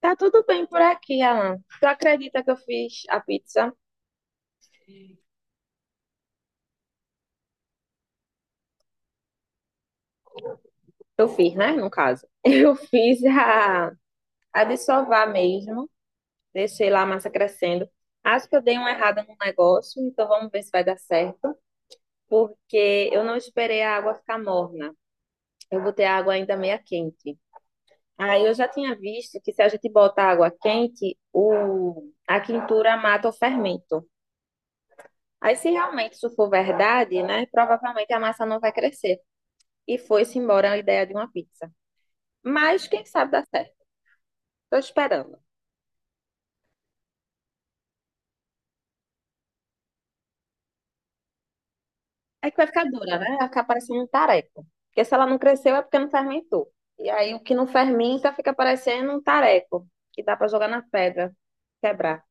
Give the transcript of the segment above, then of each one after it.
Tá tudo bem por aqui, Alan. Tu acredita que eu fiz a pizza? Eu fiz, né? No caso. Eu fiz a de sovar mesmo. Deixei lá a massa crescendo. Acho que eu dei uma errada no negócio, então vamos ver se vai dar certo. Porque eu não esperei a água ficar morna. Eu botei a água ainda meia quente. Aí eu já tinha visto que se a gente bota água quente, a quintura mata o fermento. Aí se realmente isso for verdade, né? Provavelmente a massa não vai crescer, e foi-se embora a ideia de uma pizza. Mas quem sabe dá certo. Tô esperando. É que vai ficar dura, né? Vai ficar parecendo um tareco. Porque se ela não cresceu é porque não fermentou. E aí o que não fermenta fica parecendo um tareco, que dá pra jogar na pedra, quebrar.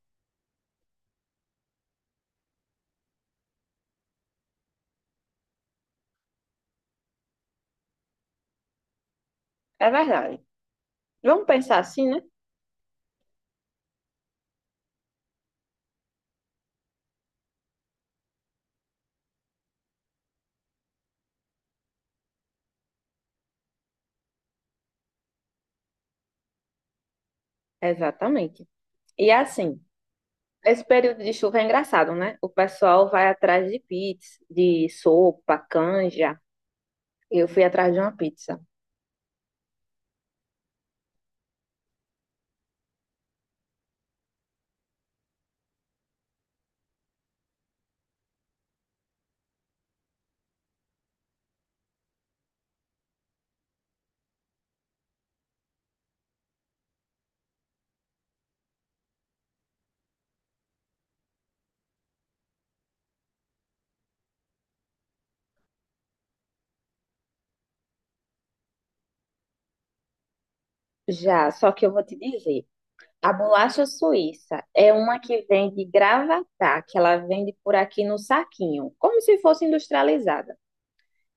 É verdade. Vamos pensar assim, né? Exatamente. E assim, esse período de chuva é engraçado, né? O pessoal vai atrás de pizza, de sopa, canja. Eu fui atrás de uma pizza. Já, só que eu vou te dizer. A bolacha suíça é uma que vem de Gravatá, que ela vende por aqui no saquinho, como se fosse industrializada.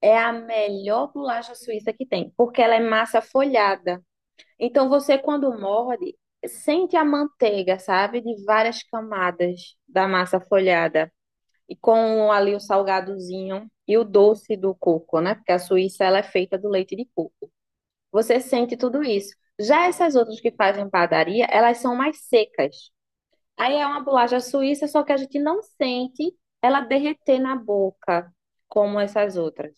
É a melhor bolacha suíça que tem, porque ela é massa folhada. Então você, quando morde, sente a manteiga, sabe? De várias camadas da massa folhada. E com ali o salgadozinho e o doce do coco, né? Porque a Suíça ela é feita do leite de coco. Você sente tudo isso. Já essas outras que fazem padaria, elas são mais secas. Aí é uma bolacha suíça, só que a gente não sente ela derreter na boca, como essas outras.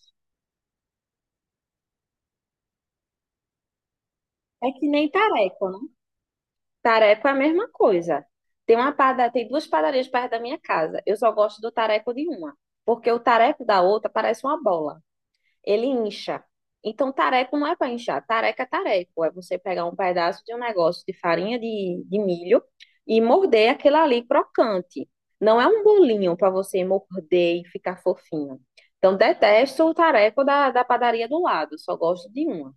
É que nem tareco, né? Tareco é a mesma coisa. Tem duas padarias perto da minha casa. Eu só gosto do tareco de uma, porque o tareco da outra parece uma bola, ele incha. Então, tareco não é para inchar, tareco. É você pegar um pedaço de um negócio de farinha de milho e morder aquele ali crocante. Não é um bolinho para você morder e ficar fofinho. Então, detesto o tareco da padaria do lado, só gosto de uma.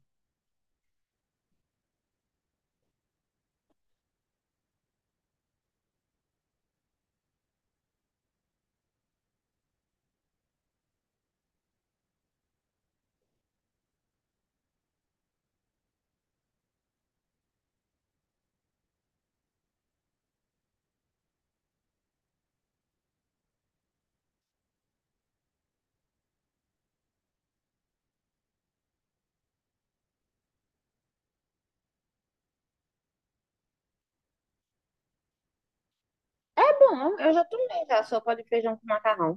Bom, eu já tomei já sopa de feijão com macarrão.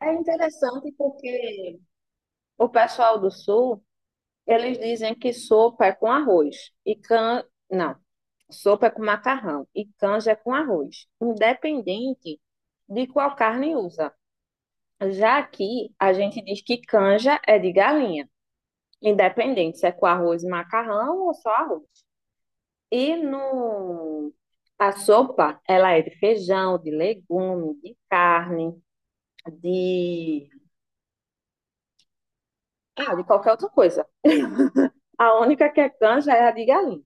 É interessante porque o pessoal do Sul. Eles dizem que sopa é com arroz e can... Não, sopa é com macarrão e canja é com arroz, independente de qual carne usa. Já aqui, a gente diz que canja é de galinha, independente se é com arroz e macarrão ou só arroz. E no... a sopa, ela é de feijão, de legume, de carne, de... Ah, de qualquer outra coisa. A única que é canja é a de galinha.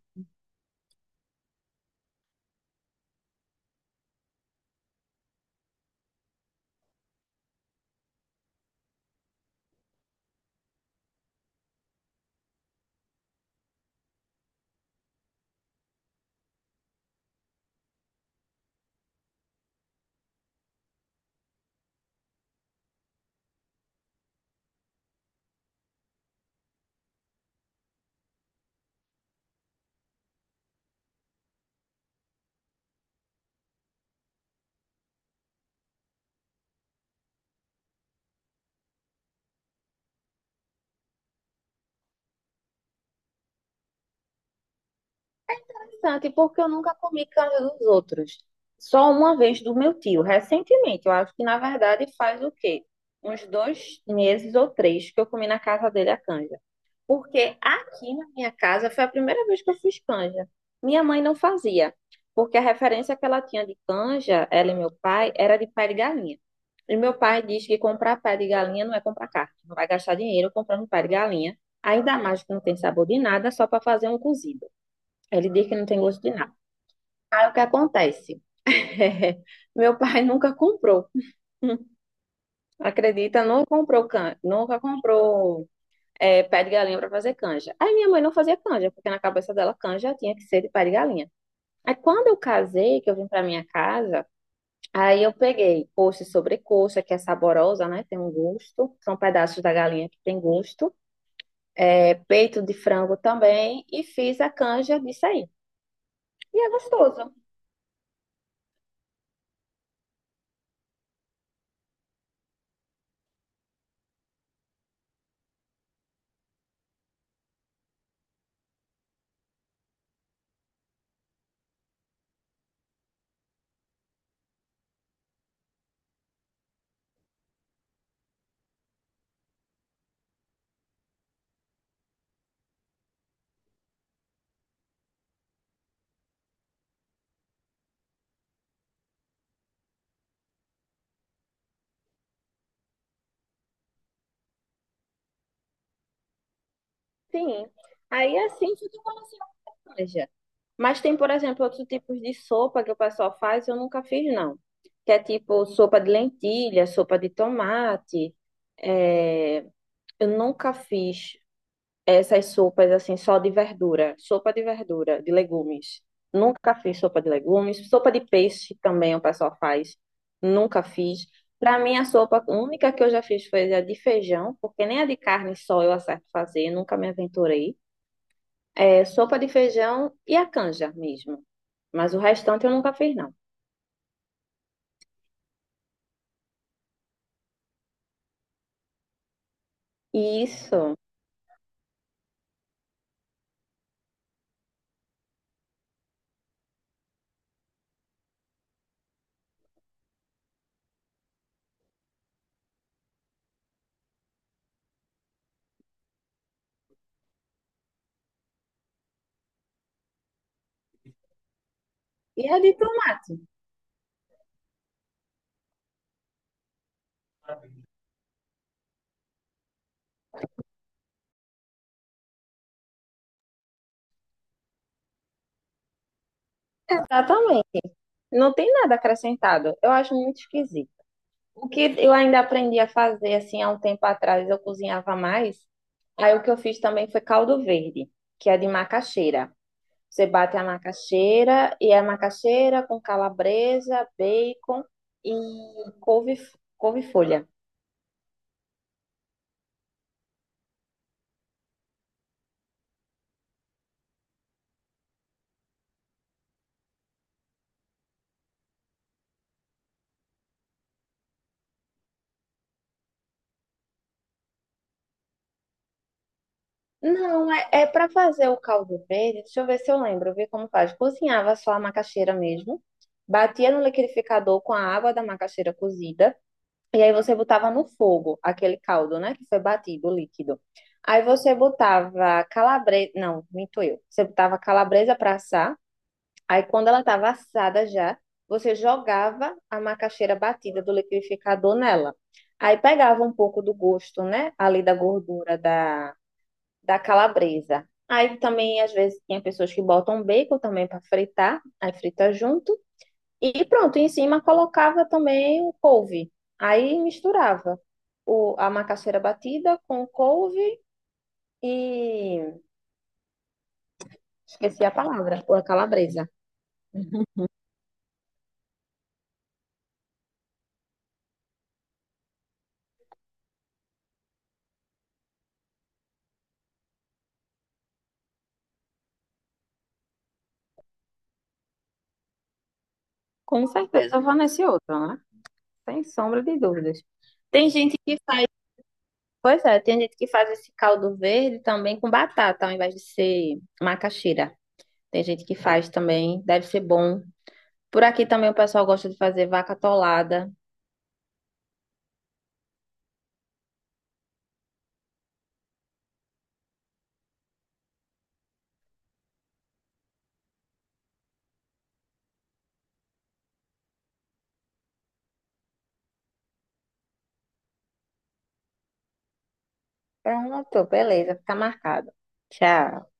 Interessante, porque eu nunca comi casa dos outros. Só uma vez do meu tio, recentemente. Eu acho que, na verdade, faz o quê? Uns dois meses ou três que eu comi na casa dele a canja. Porque aqui na minha casa foi a primeira vez que eu fiz canja. Minha mãe não fazia, porque a referência que ela tinha de canja, ela e meu pai, era de pé de galinha. E meu pai diz que comprar pé de galinha não é comprar carne. Não vai gastar dinheiro comprando pé de galinha, ainda mais que não tem sabor de nada, só para fazer um cozido. Ele diz que não tem gosto de nada. Aí o que acontece? Meu pai nunca comprou. Acredita, nunca comprou can... nunca comprou pé de galinha para fazer canja. Aí minha mãe não fazia canja, porque na cabeça dela canja tinha que ser de pé de galinha. Aí quando eu casei, que eu vim para minha casa, aí eu peguei coxa e sobrecoxa, que é saborosa, né? Tem um gosto. São pedaços da galinha que tem gosto. É, peito de frango também. E fiz a canja disso aí. E é gostoso. Sim. Aí é assim foi que eu veja, mas tem, por exemplo, outros tipos de sopa que o pessoal faz, eu nunca fiz, não. Que é tipo sopa de lentilha, sopa de tomate. É, eu nunca fiz essas sopas assim, só de verdura. Sopa de verdura, de legumes. Nunca fiz sopa de legumes. Sopa de peixe também o pessoal faz. Nunca fiz. Para mim, a sopa única que eu já fiz foi a de feijão, porque nem a de carne só eu acerto fazer, nunca me aventurei sopa de feijão e a canja mesmo. Mas o restante eu nunca fiz, não. Isso. E a de tomate. Exatamente. Não tem nada acrescentado. Eu acho muito esquisito. O que eu ainda aprendi a fazer, assim, há um tempo atrás, eu cozinhava mais. Aí o que eu fiz também foi caldo verde, que é de macaxeira. Você bate a macaxeira, e é macaxeira com calabresa, bacon e couve, couve-folha. Não, é para fazer o caldo verde. Deixa eu ver se eu lembro, ver como faz. Cozinhava só a macaxeira mesmo, batia no liquidificador com a água da macaxeira cozida, e aí você botava no fogo aquele caldo, né, que foi batido, o líquido. Aí você botava calabresa, não, minto eu. Você botava calabresa para assar. Aí quando ela estava assada já, você jogava a macaxeira batida do liquidificador nela. Aí pegava um pouco do gosto, né, ali da gordura da calabresa. Aí também, às vezes, tem pessoas que botam bacon também para fritar, aí frita junto. E pronto, em cima colocava também o couve. Aí misturava a macaxeira batida com o couve e esqueci a palavra, ou a calabresa. Com certeza eu vou nesse outro, né? Sem sombra de dúvidas. Tem gente que faz, pois é, tem gente que faz esse caldo verde também com batata, ao invés de ser macaxeira. Tem gente que faz também, deve ser bom. Por aqui também o pessoal gosta de fazer vaca atolada. Pronto, beleza, fica marcado. Tchau.